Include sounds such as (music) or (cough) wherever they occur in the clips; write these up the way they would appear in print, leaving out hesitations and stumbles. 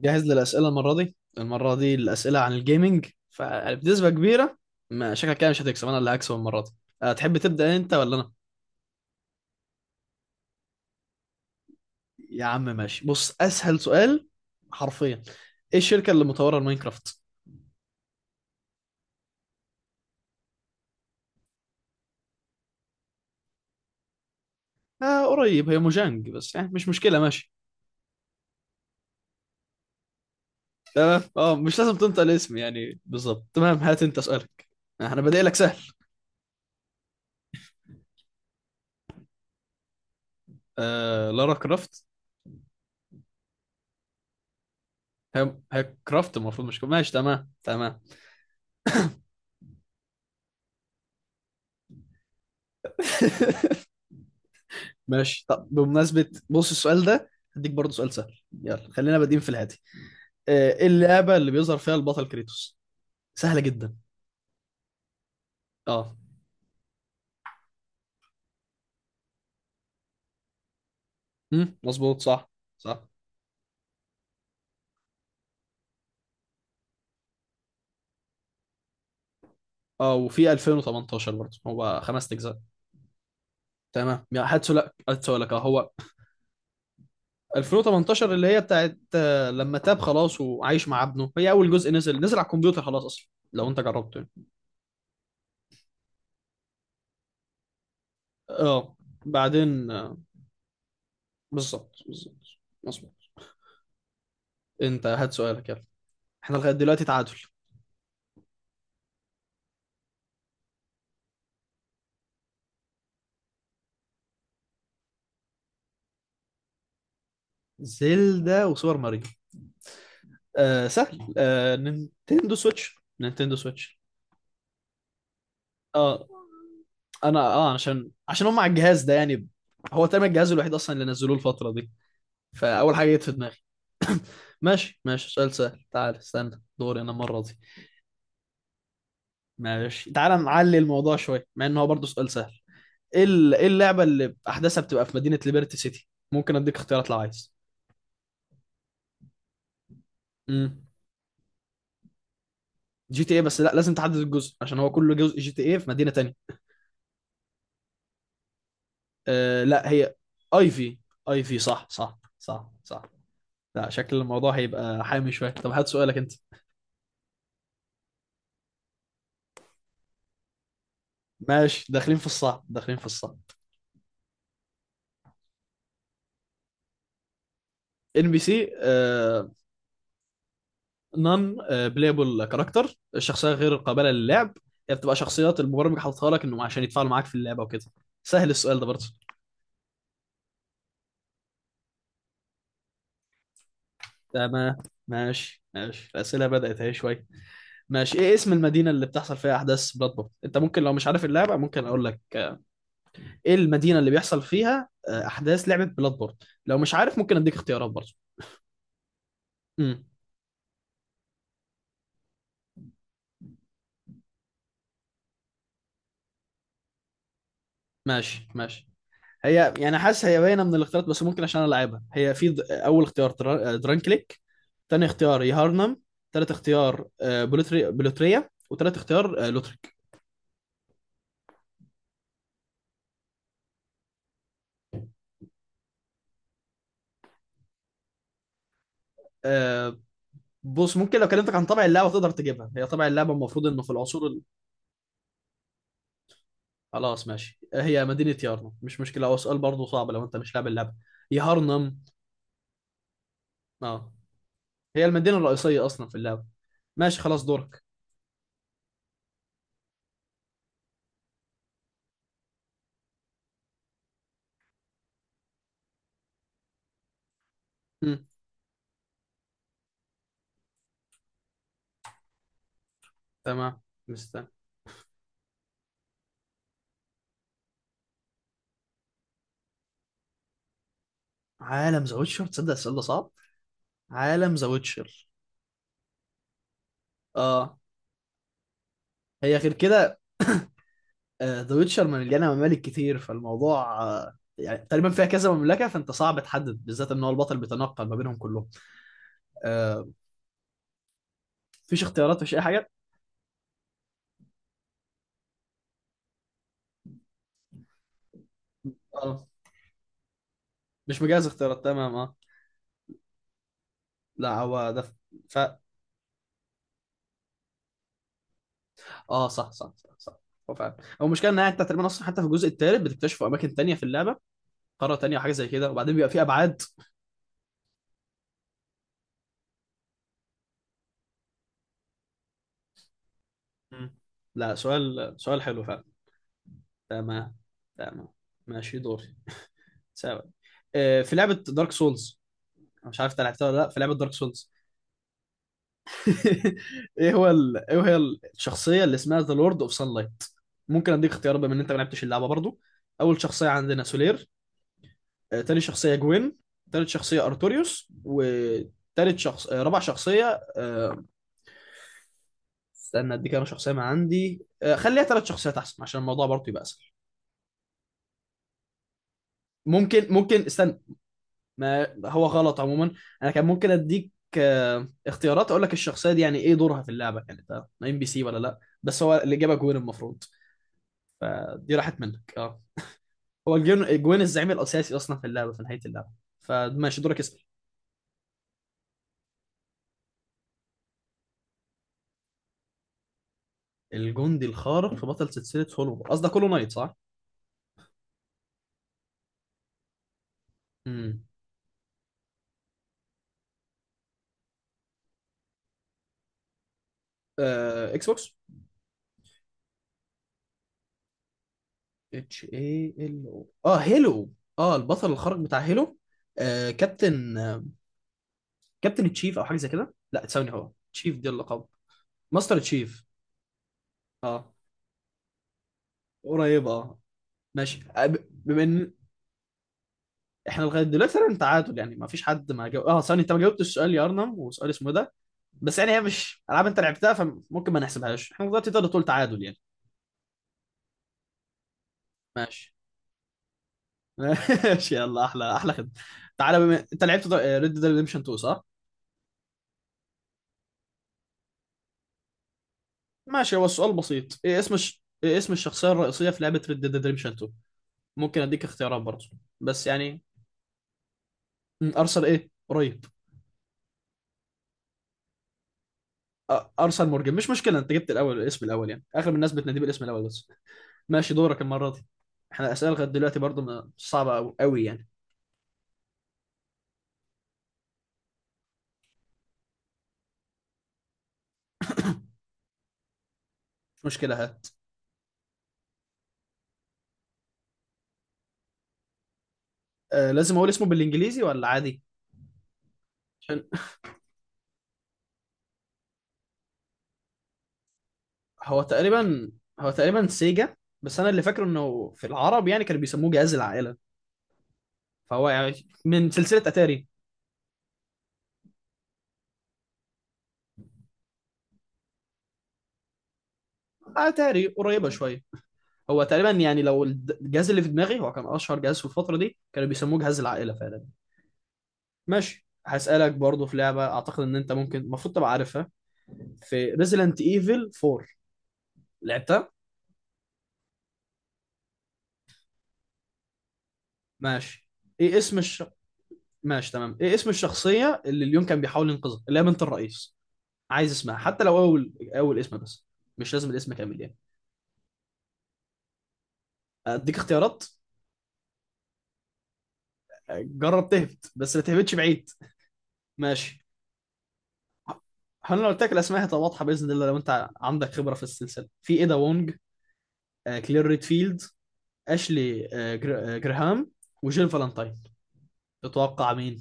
جاهز للأسئلة المرة دي الأسئلة عن الجيمنج فبنسبة كبيرة، ما شكلك كده مش هتكسب، أنا اللي هكسب المرة دي. تحب تبدأ أنت ولا أنا؟ يا عم ماشي، بص أسهل سؤال حرفيا: إيه الشركة اللي مطورة الماينكرافت؟ قريب، هي موجانج بس يعني مش مشكلة ماشي. تمام، مش لازم تنطق الاسم يعني بالظبط. تمام، هات أنت سؤالك. أنا بادئ لك سهل. لارا كرافت. هي كرافت المفروض، مش ماشي، تمام تمام. (laughs) ماشي، طب بمناسبة بص السؤال ده، هديك برضه سؤال سهل، يلا خلينا بادئين في الهادي. ايه اللعبة اللي بيظهر فيها البطل كريتوس؟ سهلة جدا. اه، مظبوط صح، صح. اه، وفي 2018 برضه هو خمس اجزاء. تمام، يا هاتسو لك اه هو. 2018 اللي هي بتاعت، لما تاب خلاص وعايش مع ابنه، هي اول جزء نزل على الكمبيوتر، خلاص اصلا لو انت جربته يعني. اه، بعدين بالظبط بالظبط، مظبوط. انت هات سؤالك، يلا. احنا لغاية دلوقتي تعادل. زلدا وسوبر ماريو؟ سهل. نينتندو سويتش. نينتندو سويتش. اه، انا عشان هم على الجهاز ده يعني. هو تقريبا الجهاز الوحيد اصلا اللي نزلوه الفتره دي، فاول حاجه جت في دماغي. ماشي ماشي، سؤال سهل. تعال استنى، دوري انا المره دي. ماشي، تعال نعلي الموضوع شويه، مع ان هو برضه سؤال سهل. إيه اللعبه اللي احداثها بتبقى في مدينه ليبرتي سيتي؟ ممكن اديك اختيارات لو عايز. امم جي تي اي، بس لا لازم تحدد الجزء عشان هو كل جزء جي تي اي في مدينه تانية. لا، هي ايفي. ايفي صح صح صح صح. لا، شكل الموضوع هيبقى حامي شويه. طب هات سؤالك انت. ماشي، داخلين في الصعب داخلين في الصعب. ان بي سي؟ نون بلايبل كاركتر، الشخصيه غير قابله للعب. هي بتبقى شخصيات المبرمج حاططها لك، انه عشان يتفاعلوا معاك في اللعبه وكده. سهل السؤال ده برضه. تمام. ماشي ماشي، الاسئله بدات اهي شويه. ماشي، ايه اسم المدينه اللي بتحصل فيها احداث بلاد بورن؟ انت ممكن، لو مش عارف اللعبه، ممكن اقول لك. ايه المدينه اللي بيحصل فيها احداث لعبه بلاد بورن؟ لو مش عارف ممكن اديك اختيارات برضه. امم ماشي ماشي. هي يعني حاسس هي باينه من الاختيارات، بس ممكن عشان العبها. هي في اول اختيار درانكليك، تاني اختيار يهارنم، تالت اختيار بلوتريا، وتالت اختيار لوتريك. آه، بص ممكن لو كلمتك عن طبع اللعبه تقدر تجيبها. هي طبع اللعبه المفروض انه في العصور خلاص ماشي، هي مدينه يارنم، مش مشكله، هو سؤال برضه صعب لو انت مش لاعب اللعبه. يهارنم. اه، هي المدينة الرئيسية أصلا في اللعبة. ماشي خلاص، دورك. مم. تمام. مستني. عالم ذا ويتشر؟ تصدق السؤال ده صعب. عالم ذا ويتشر. اه، هي غير كده. ذا ويتشر مليانة ممالك كتير فالموضوع، يعني تقريبا فيها كذا مملكة، فأنت صعب تحدد بالذات إن هو البطل بيتنقل ما بينهم كلهم. آه مفيش اختيارات، مفيش أي حاجة. اه، مش مجهز اختيارات، تمام اه. لا هو ده ف... اه صح صح صح صح. هو فعلا. هو المشكلة إنها أنت تقريبا أصلا حتى في الجزء الثالث بتكتشفوا أماكن تانية في اللعبة، قارة تانية وحاجة زي كده، وبعدين بيبقى في أبعاد. مم. لا، سؤال حلو فعلا. تمام. تمام. ماشي، دوري. سوا. في لعبة دارك سولز، مش عارف انت لعبتها ولا لا. في لعبة دارك سولز (laughs) ايه هي الشخصية اللي اسمها ذا لورد اوف لايت؟ ممكن اديك اختيار بما ان انت ما لعبتش اللعبة برضو. اول شخصية عندنا سولير، تاني شخصية جوين، تالت شخصية ارتوريوس، وتالت شخص آه، رابع شخصية، استنى اديك انا شخصية ما عندي، خليها تلات شخصيات احسن عشان الموضوع برضو يبقى اسهل. ممكن استنى. ما هو غلط عموما، انا كان ممكن اديك اختيارات اقول لك الشخصيه دي يعني ايه دورها في اللعبه يعني، ده ام بي سي ولا لا. بس هو الاجابه جوين المفروض. فدي راحت منك اه. هو الجوين الزعيم الاساسي اصلا في اللعبه في نهايه اللعبه. فماشي، دورك، اسال. الجندي الخارق في بطل سلسله هولو، قصدك هولو نايت صح؟ امم اكس بوكس. اتش اي ال او، هيلو. اه، البطل الخارق بتاع هيلو. كابتن كابتن تشيف، او حاجه زي كده. لا ثواني، هو تشيف دي اللقب. ماستر تشيف. اه قريب اه. ماشي بما ان احنا لغايه دلوقتي تقريبا تعادل، يعني ما فيش حد ما جاوب، اه ثاني انت ما جاوبتش سؤال يا ارنم وسؤال اسمه إيه ده. بس يعني هي مش العاب انت لعبتها فممكن ما نحسبهاش احنا دلوقتي. تقدر تقول تعادل يعني. ماشي. (laughs) ماشي، يلا، احلى احلى خدمه. تعالى، بما انت لعبت ريد ديد ريدمشن 2 صح؟ ماشي، هو السؤال بسيط: ايه اسم الشخصيه الرئيسيه في لعبه ريد ديد ريدمشن 2؟ ممكن اديك اختيارات برضه، بس يعني. ارسل ايه، قريب. ارسل مورجن، مش مشكله انت جبت الاول الاسم الاول، يعني اغلب الناس بتناديه بالاسم الاول بس. ماشي، دورك المرة دي. احنا الأسئلة لغاية دلوقتي برضو صعبة أوي أوي يعني. مش مشكلة، هات. لازم أقول اسمه بالإنجليزي ولا عادي؟ عشان هو تقريبا هو تقريبا سيجا. بس أنا اللي فاكره إنه في العرب يعني كانوا بيسموه جهاز العائلة. فهو يعني من سلسلة أتاري. أتاري قريبة شوية. هو تقريبا يعني لو الجهاز اللي في دماغي، هو كان أشهر جهاز في الفترة دي كانوا بيسموه جهاز العائلة فعلا. ماشي، هسألك برضو، في لعبة أعتقد إن أنت ممكن المفروض تبقى عارفها، في ريزيدنت ايفل 4، لعبتها؟ ماشي، ايه اسم الش... ماشي تمام، ايه اسم الشخصية اللي اليوم كان بيحاول ينقذها، اللي هي بنت الرئيس؟ عايز اسمها حتى لو اول اسم بس، مش لازم الاسم كامل يعني. اديك اختيارات؟ جرب تهبط بس ما تهبطش بعيد. ماشي، هل لو قلت لك الاسماء هتبقى واضحة باذن الله لو انت عندك خبرة في السلسلة؟ في ايدا وونج، كلير ريدفيلد، اشلي جراهام، وجيل فالنتاين. تتوقع مين؟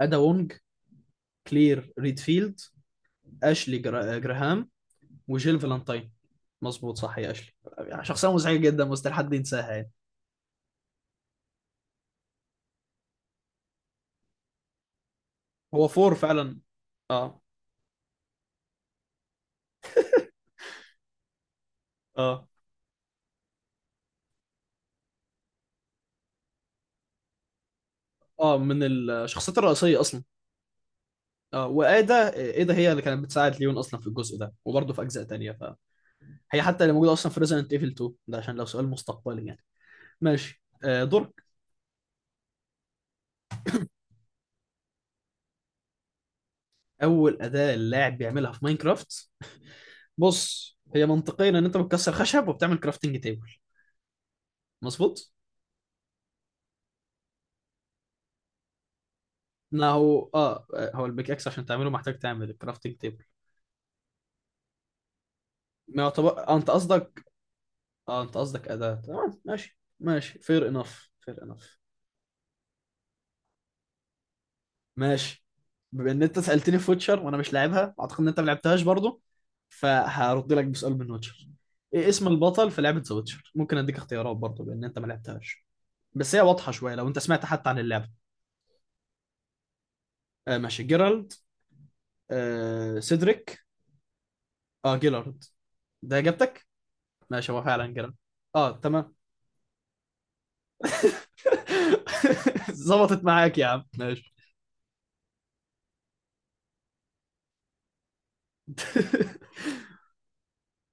ادا وونج، كلير ريدفيلد، اشلي جراهام، وجيل فالنتاين. مظبوط صح يا اشلي. شخصيه مزعجه جدا مستحيل حد ينساها يعني. هو فور فعلا. اه. اه اه، من الشخصيات الرئيسيه اصلا. اه، وايدا، ايدا هي اللي كانت بتساعد ليون اصلا في الجزء ده وبرضه في اجزاء تانية فهي حتى اللي موجوده اصلا في ريزنت ايفل 2 ده، عشان لو سؤال مستقبلي يعني. ماشي دورك. اول اداه اللاعب بيعملها في ماينكرافت. بص، هي منطقيا ان انت بتكسر خشب وبتعمل كرافتنج تيبل، مظبوط؟ ما هو اه، هو البيك اكس عشان تعمله محتاج تعمل الكرافتنج تيبل. ما يعتبر انت قصدك؟ اه انت قصدك اداة. تمام ماشي ماشي، فير انف فير انف. ماشي، بما ان انت سالتني في ويتشر وانا مش لاعبها، اعتقد ان انت ما لعبتهاش برضه، فهرد لك بسؤال من ويتشر. ايه اسم البطل في لعبه ذا ويتشر؟ ممكن اديك اختيارات برضه بان انت ما لعبتهاش، بس هي واضحه شويه لو انت سمعت حتى عن اللعبه. ماشي، جيرالد، سيدريك. اه جيلارد، ده اجابتك. ماشي، هو فعلا جيرالد. اه تمام. (laughs) ظبطت معاك يا عم، ماشي. (laughs)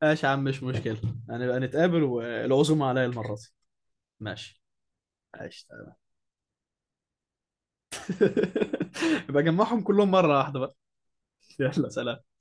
ماشي يا عم مش مشكلة. هنبقى نتقابل والعزومة عليا المرة دي. ماشي. ماشي تمام. (laughs) يبقى جمعهم كلهم مرة واحدة بقى. يلا سلام.